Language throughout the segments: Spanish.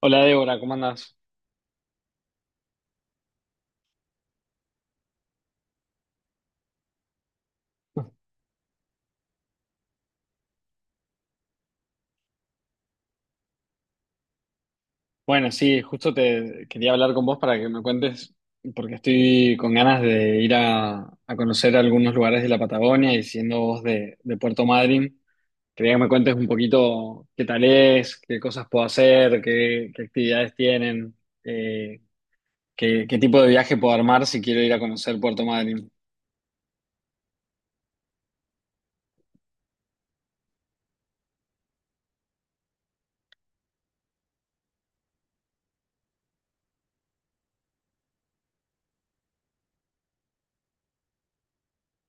Hola Débora, ¿cómo andas? Bueno, sí, justo te quería hablar con vos para que me cuentes, porque estoy con ganas de ir a conocer algunos lugares de la Patagonia y siendo vos de Puerto Madryn, quería que me cuentes un poquito qué tal es, qué cosas puedo hacer, qué actividades tienen, eh, qué tipo de viaje puedo armar si quiero ir a conocer Puerto Madryn.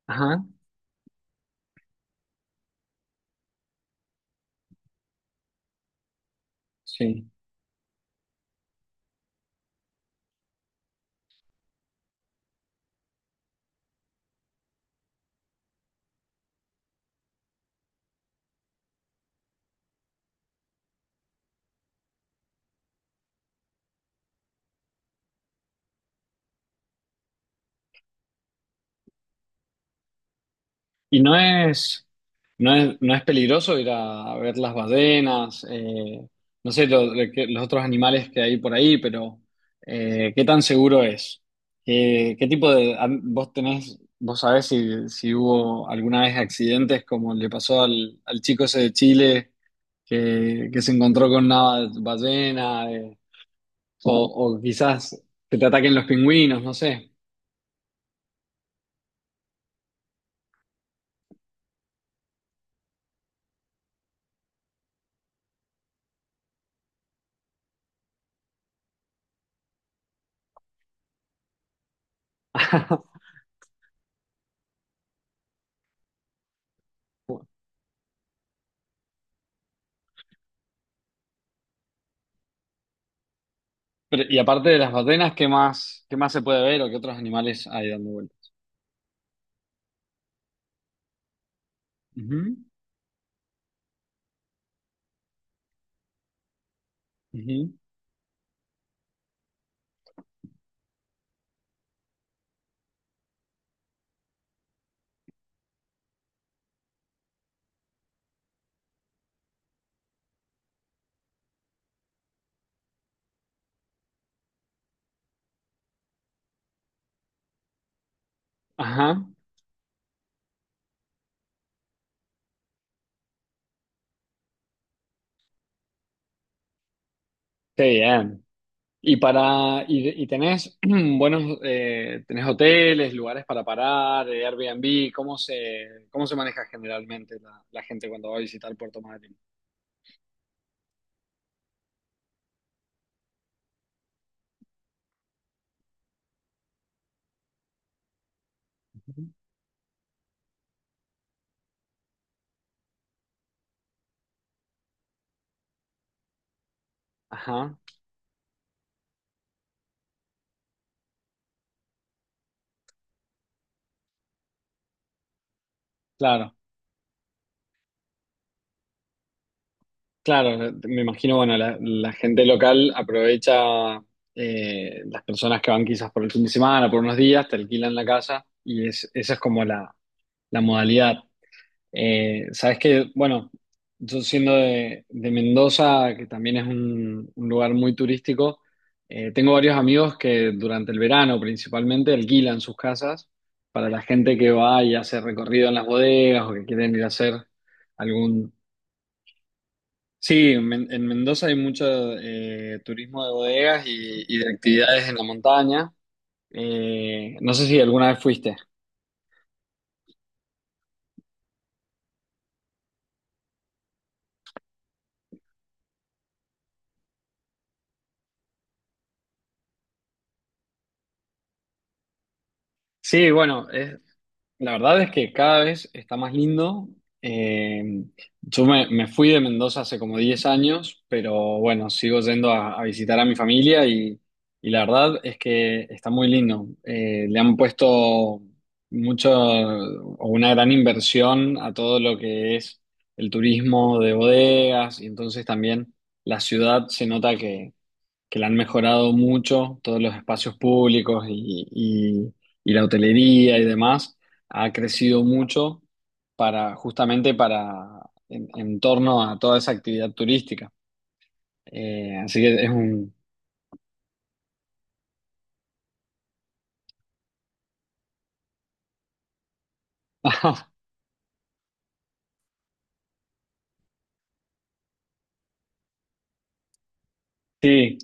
Ajá, sí. Y no es peligroso ir a ver las ballenas, no sé, los otros animales que hay por ahí, pero ¿qué tan seguro es? ¿Qué tipo de... vos tenés, vos sabés si hubo alguna vez accidentes como le pasó al chico ese de Chile que se encontró con una ballena, o, o quizás que te ataquen los pingüinos, no sé. Pero y aparte de las ballenas, ¿qué más se puede ver o qué otros animales hay dando vueltas? Ujú, ujú. Ajá, qué bien. Y tenés buenos tenés hoteles, lugares para parar, Airbnb, ¿cómo se maneja generalmente la gente cuando va a visitar Puerto Madryn? Ujú. Ajá, claro, claro. Me imagino, bueno, la gente local aprovecha las personas que van quizás por el fin de semana, por unos días, te alquilan la casa y esa es como la modalidad. Sabes que, bueno, yo siendo de Mendoza, que también es un lugar muy turístico, tengo varios amigos que durante el verano principalmente alquilan sus casas para la gente que va y hace recorrido en las bodegas o que quieren ir a hacer algún... Sí, en Mendoza hay mucho turismo de bodegas y de actividades en la montaña. No sé si alguna vez fuiste. Sí, bueno, la verdad es que cada vez está más lindo. Eh, yo me fui de Mendoza hace como 10 años, pero bueno, sigo yendo a visitar a mi familia y la verdad es que está muy lindo. Le han puesto mucho o una gran inversión a todo lo que es el turismo de bodegas y entonces también la ciudad se nota que la han mejorado mucho, todos los espacios públicos y la hotelería y demás, ha crecido mucho justamente en torno a toda esa actividad turística. Así que es un... Sí,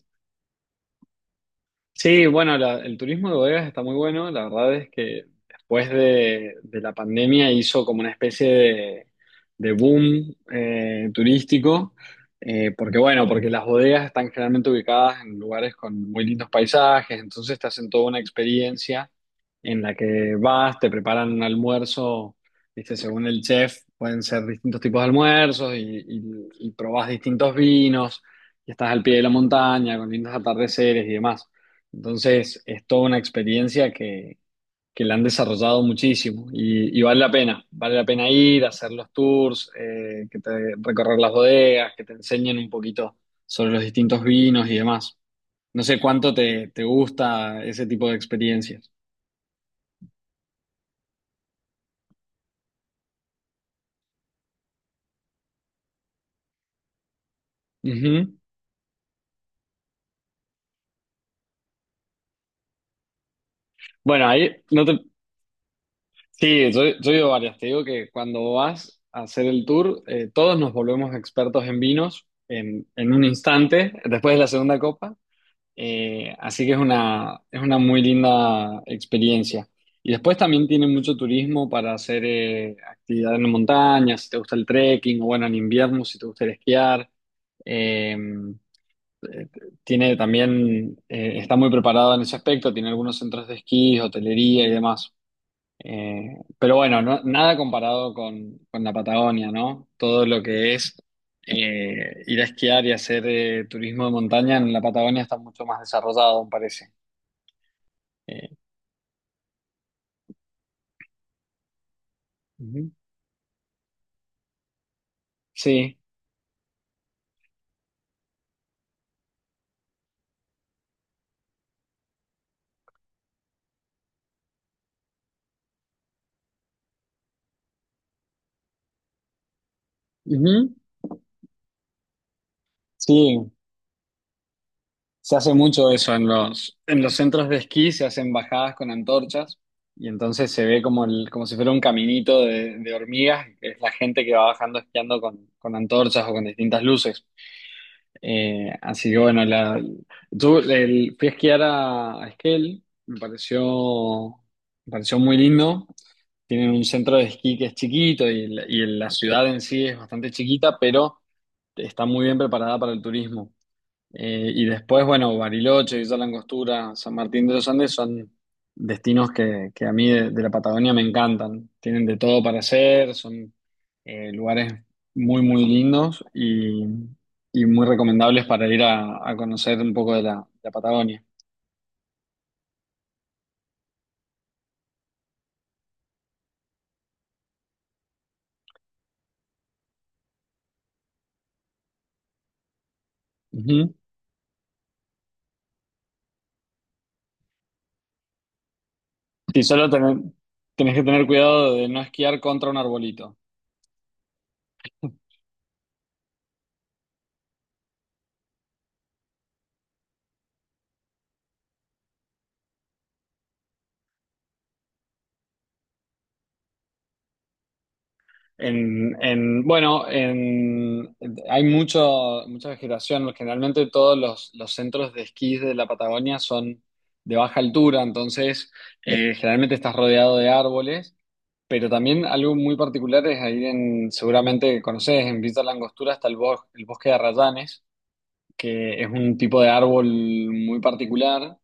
sí, bueno, el turismo de bodegas está muy bueno. La verdad es que después de la pandemia hizo como una especie de boom turístico. Porque las bodegas están generalmente ubicadas en lugares con muy lindos paisajes, entonces te hacen toda una experiencia en la que vas, te preparan un almuerzo, ¿viste? Según el chef, pueden ser distintos tipos de almuerzos y probás distintos vinos, y estás al pie de la montaña con lindos atardeceres y demás. Entonces, es toda una experiencia que la han desarrollado muchísimo y vale la pena ir, hacer los tours, recorrer las bodegas, que te enseñen un poquito sobre los distintos vinos y demás. No sé cuánto te gusta ese tipo de experiencias. Ujú. Bueno, ahí no te... Sí, yo he ido varias. Te digo que cuando vas a hacer el tour, todos nos volvemos expertos en vinos en un instante, después de la segunda copa. Así que es una muy linda experiencia. Y después también tiene mucho turismo para hacer actividad en montaña, si te gusta el trekking, o bueno, en invierno, si te gusta el esquiar. Eh, eh, Tiene también, está muy preparado en ese aspecto, tiene algunos centros de esquí, hotelería y demás. Pero bueno, nada comparado con la Patagonia, ¿no? Todo lo que es ir a esquiar y hacer turismo de montaña en la Patagonia está mucho más desarrollado, me parece. Eh, Ujú. Sí, ujú. Sí, se hace mucho eso en en los centros de esquí, se hacen bajadas con antorchas y entonces se ve como, como si fuera un caminito de hormigas, que es la gente que va bajando esquiando con antorchas o con distintas luces. Así que bueno, la, yo el, Fui a esquiar a Esquel, me pareció muy lindo. Tienen un centro de esquí que es chiquito y y la ciudad en sí es bastante chiquita, pero está muy bien preparada para el turismo. Y después, bueno, Bariloche, Villa La Angostura, San Martín de los Andes son destinos que a mí de la Patagonia me encantan. Tienen de todo para hacer, son lugares muy lindos y muy recomendables para ir a conocer un poco de la Patagonia. Ujú. Y solo tener- Tenés que tener cuidado de no esquiar contra un arbolito. En, en- bueno, en, Hay mucho, mucha vegetación. Generalmente todos los centros de esquí de la Patagonia son de baja altura, entonces generalmente estás rodeado de árboles, pero también algo muy particular es ahí en, seguramente conoces, en Villa La Angostura está el bosque de arrayanes, que es un tipo de árbol muy particular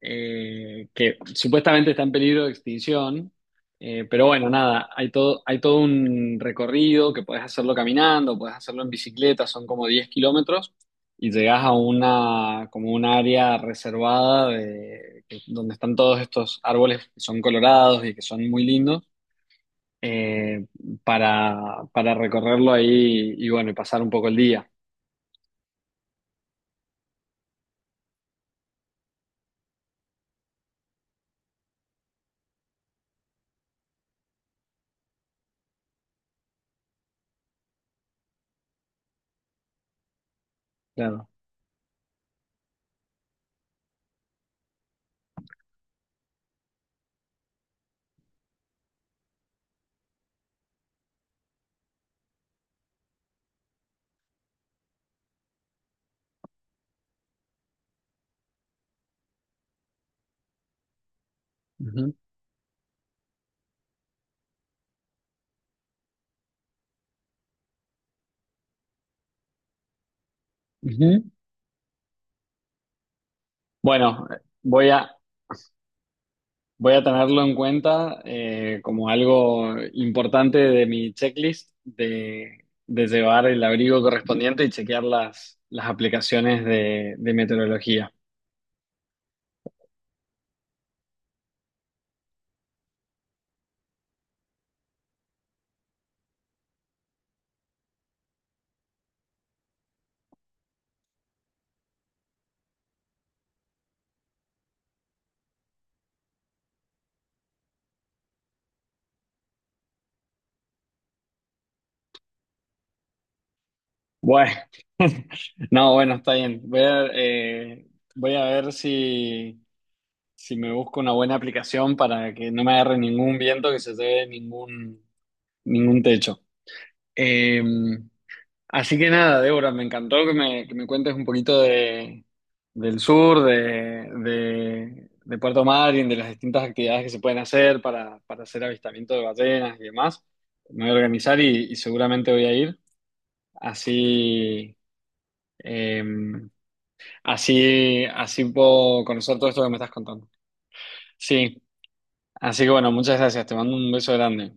que supuestamente está en peligro de extinción. Pero bueno, nada, hay todo un recorrido que podés hacerlo caminando, podés hacerlo en bicicleta, son como 10 kilómetros y llegás a una, como un área reservada donde están todos estos árboles que son colorados y que son muy lindos eh, para recorrerlo ahí y bueno, y pasar un poco el día. Claro. Ujú, ujú. Bueno, voy a, voy a tenerlo en cuenta como algo importante de mi checklist de llevar el abrigo correspondiente y chequear las aplicaciones de meteorología. Bueno, no, bueno, está bien. Voy a ver si, si me busco una buena aplicación para que no me agarre ningún viento, que se lleve ningún, ningún techo. Eh, Así que nada, Débora, me encantó que me cuentes un poquito del sur, de Puerto Madryn, de las distintas actividades que se pueden hacer para hacer avistamiento de ballenas y demás. Me voy a organizar y seguramente voy a ir. Así, eh, Así puedo conocer todo esto que me estás contando. Sí, así que bueno, muchas gracias. Te mando un beso grande.